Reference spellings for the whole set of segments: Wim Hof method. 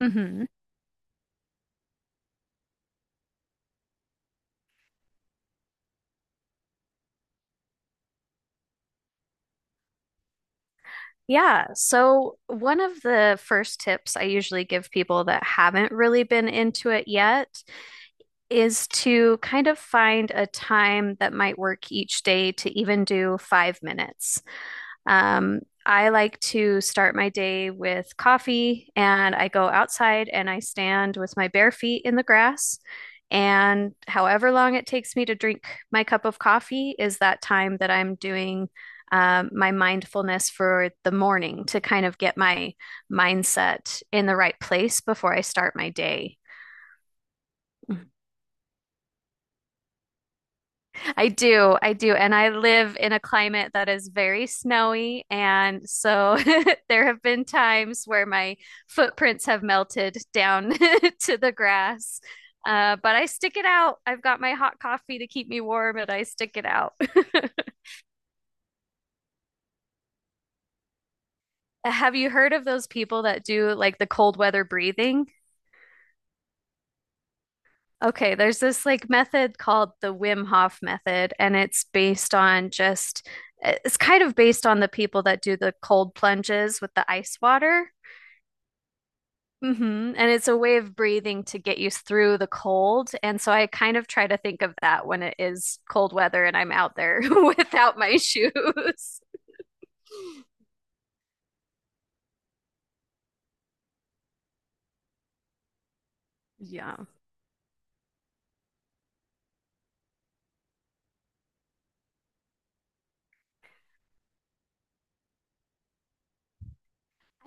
Hmm, yeah. So, one of the first tips I usually give people that haven't really been into it yet is to kind of find a time that might work each day to even do 5 minutes. I like to start my day with coffee and I go outside and I stand with my bare feet in the grass. And however long it takes me to drink my cup of coffee is that time that I'm doing my mindfulness for the morning to kind of get my mindset in the right place before I start my day. I do, I do. And I live in a climate that is very snowy. And so there have been times where my footprints have melted down to the grass. But I stick it out. I've got my hot coffee to keep me warm and I stick it out. Have you heard of those people that do like the cold weather breathing? Okay, there's this like method called the Wim Hof method, and it's based on just, it's kind of based on the people that do the cold plunges with the ice water. Hmm. And it's a way of breathing to get you through the cold. And so I kind of try to think of that when it is cold weather and I'm out there without my shoes. Yeah.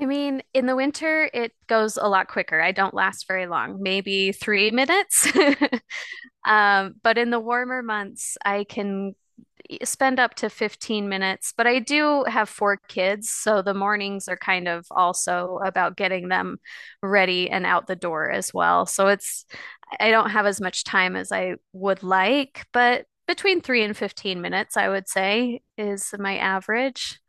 I mean, in the winter, it goes a lot quicker. I don't last very long, maybe 3 minutes. But in the warmer months, I can spend up to 15 minutes, but I do have 4 kids, so the mornings are kind of also about getting them ready and out the door as well. So it's, I don't have as much time as I would like, but between three and 15 minutes, I would say, is my average.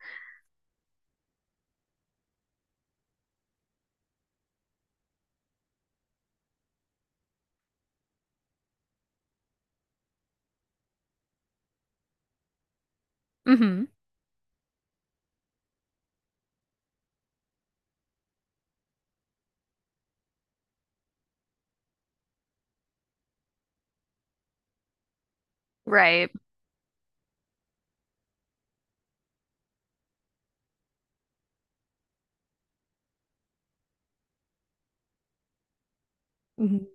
Hmm. Right. Hmm.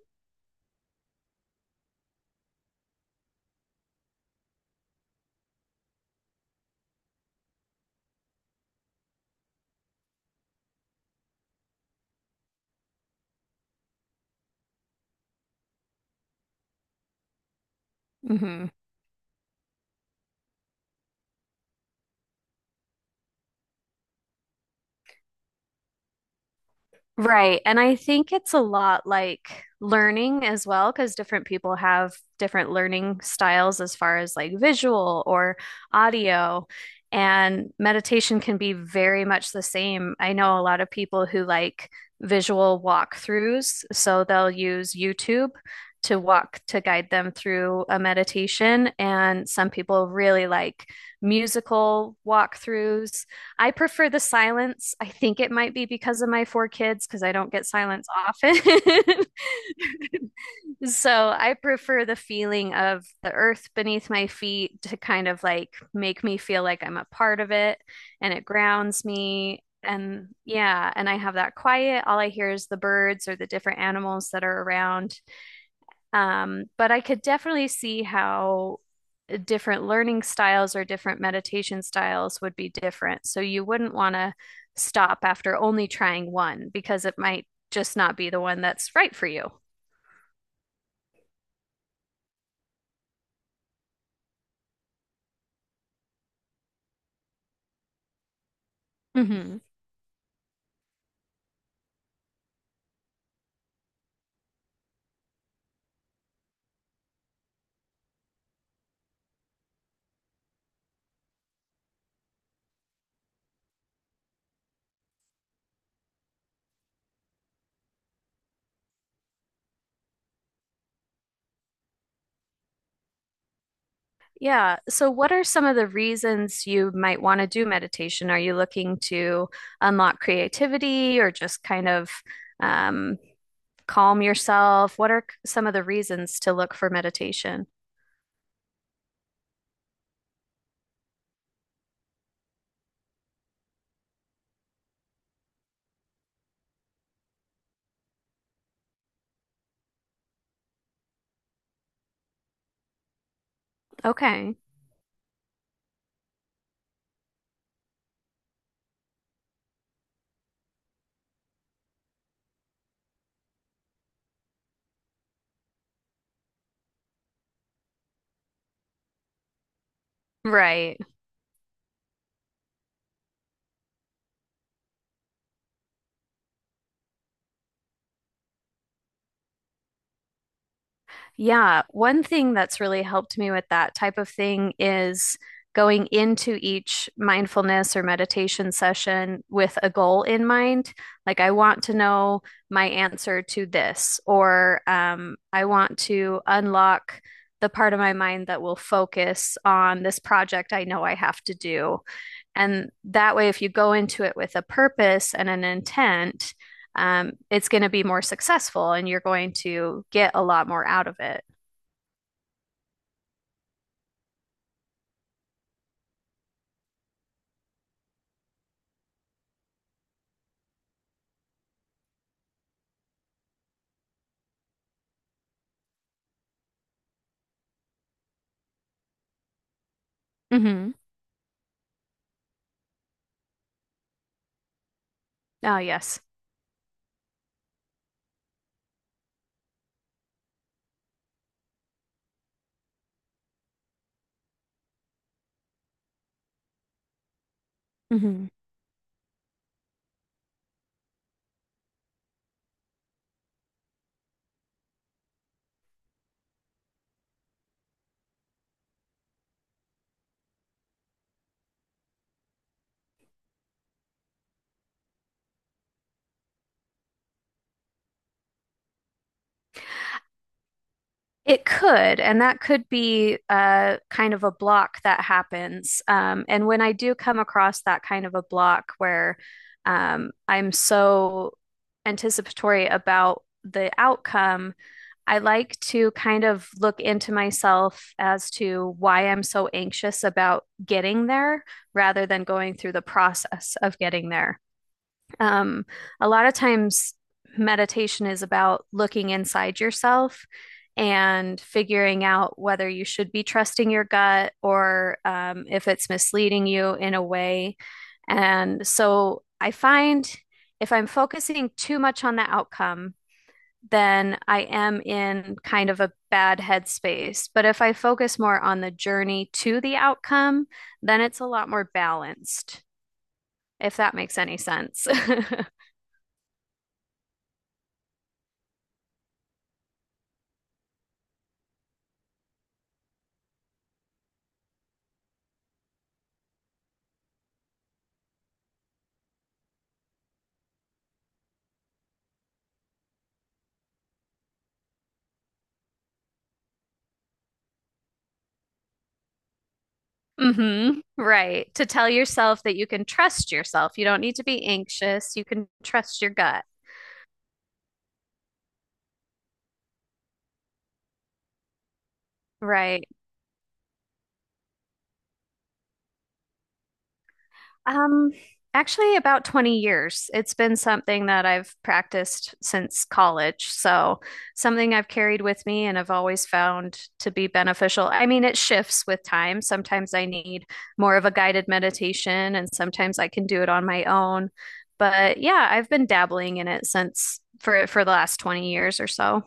Hmm. Right. And I think it's a lot like learning as well, because different people have different learning styles as far as like visual or audio. And meditation can be very much the same. I know a lot of people who like visual walkthroughs, so they'll use YouTube to walk to guide them through a meditation. And some people really like musical walkthroughs. I prefer the silence. I think it might be because of my 4 kids, because I don't get silence often. So I prefer the feeling of the earth beneath my feet to kind of like make me feel like I'm a part of it and it grounds me. And yeah, and I have that quiet. All I hear is the birds or the different animals that are around. But I could definitely see how different learning styles or different meditation styles would be different. So you wouldn't want to stop after only trying one because it might just not be the one that's right for you. Hmm. Yeah. So, what are some of the reasons you might want to do meditation? Are you looking to unlock creativity or just kind of um, calm yourself? What are some of the reasons to look for meditation? Okay. Right. Yeah, one thing that's really helped me with that type of thing is going into each mindfulness or meditation session with a goal in mind. Like, I want to know my answer to this, or I want to unlock the part of my mind that will focus on this project I know I have to do. And that way, if you go into it with a purpose and an intent, it's going to be more successful and you're going to get a lot more out of it. Hmm. Oh, yes. Hmm. It could, and that could be kind of a block that happens. And when I do come across that kind of a block where I'm so anticipatory about the outcome, I like to kind of look into myself as to why I'm so anxious about getting there rather than going through the process of getting there. Um, a lot of times, meditation is about looking inside yourself and figuring out whether you should be trusting your gut or if it's misleading you in a way. And so I find if I'm focusing too much on the outcome, then I am in kind of a bad headspace. But if I focus more on the journey to the outcome, then it's a lot more balanced, if that makes any sense. Mm-hmm. Right. To tell yourself that you can trust yourself. You don't need to be anxious. You can trust your gut. Right. Um, Actually about 20 years. It's been something that I've practiced since college. So something I've carried with me and I've always found to be beneficial. I mean, it shifts with time. Sometimes I need more of a guided meditation and sometimes I can do it on my own. But yeah, I've been dabbling in it since for the last 20 years or so.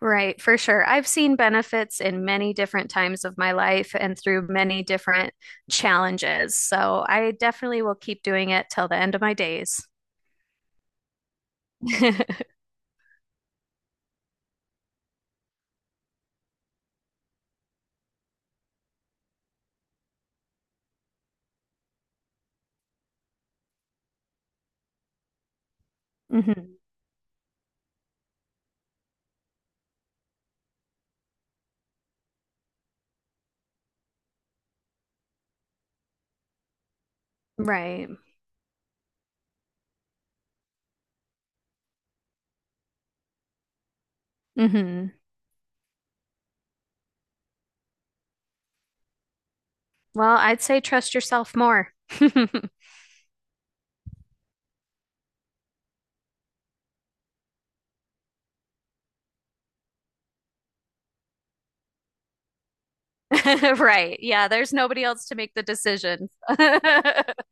Right, for sure. I've seen benefits in many different times of my life and through many different challenges. So I definitely will keep doing it till the end of my days. Hmm. Right. Hmm. Well, I'd say trust yourself more. Right. Yeah, there's nobody else to make the decisions.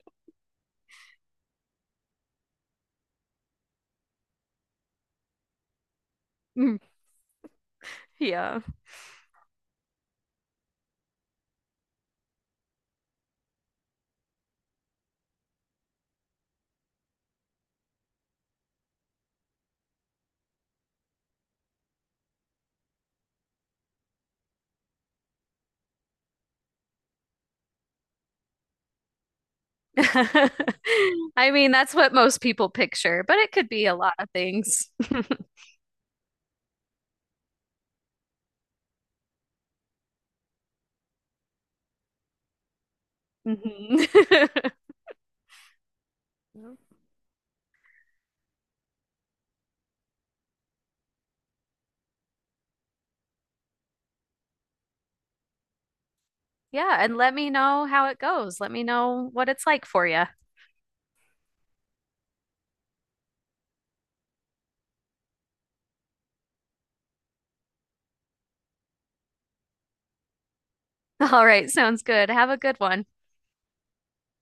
Mm, yeah. I mean, that's what most people picture, but it could be a lot of things. Mhm. Yeah, and let me know how it goes. Let me know what it's like for you. All right, sounds good. Have a good one.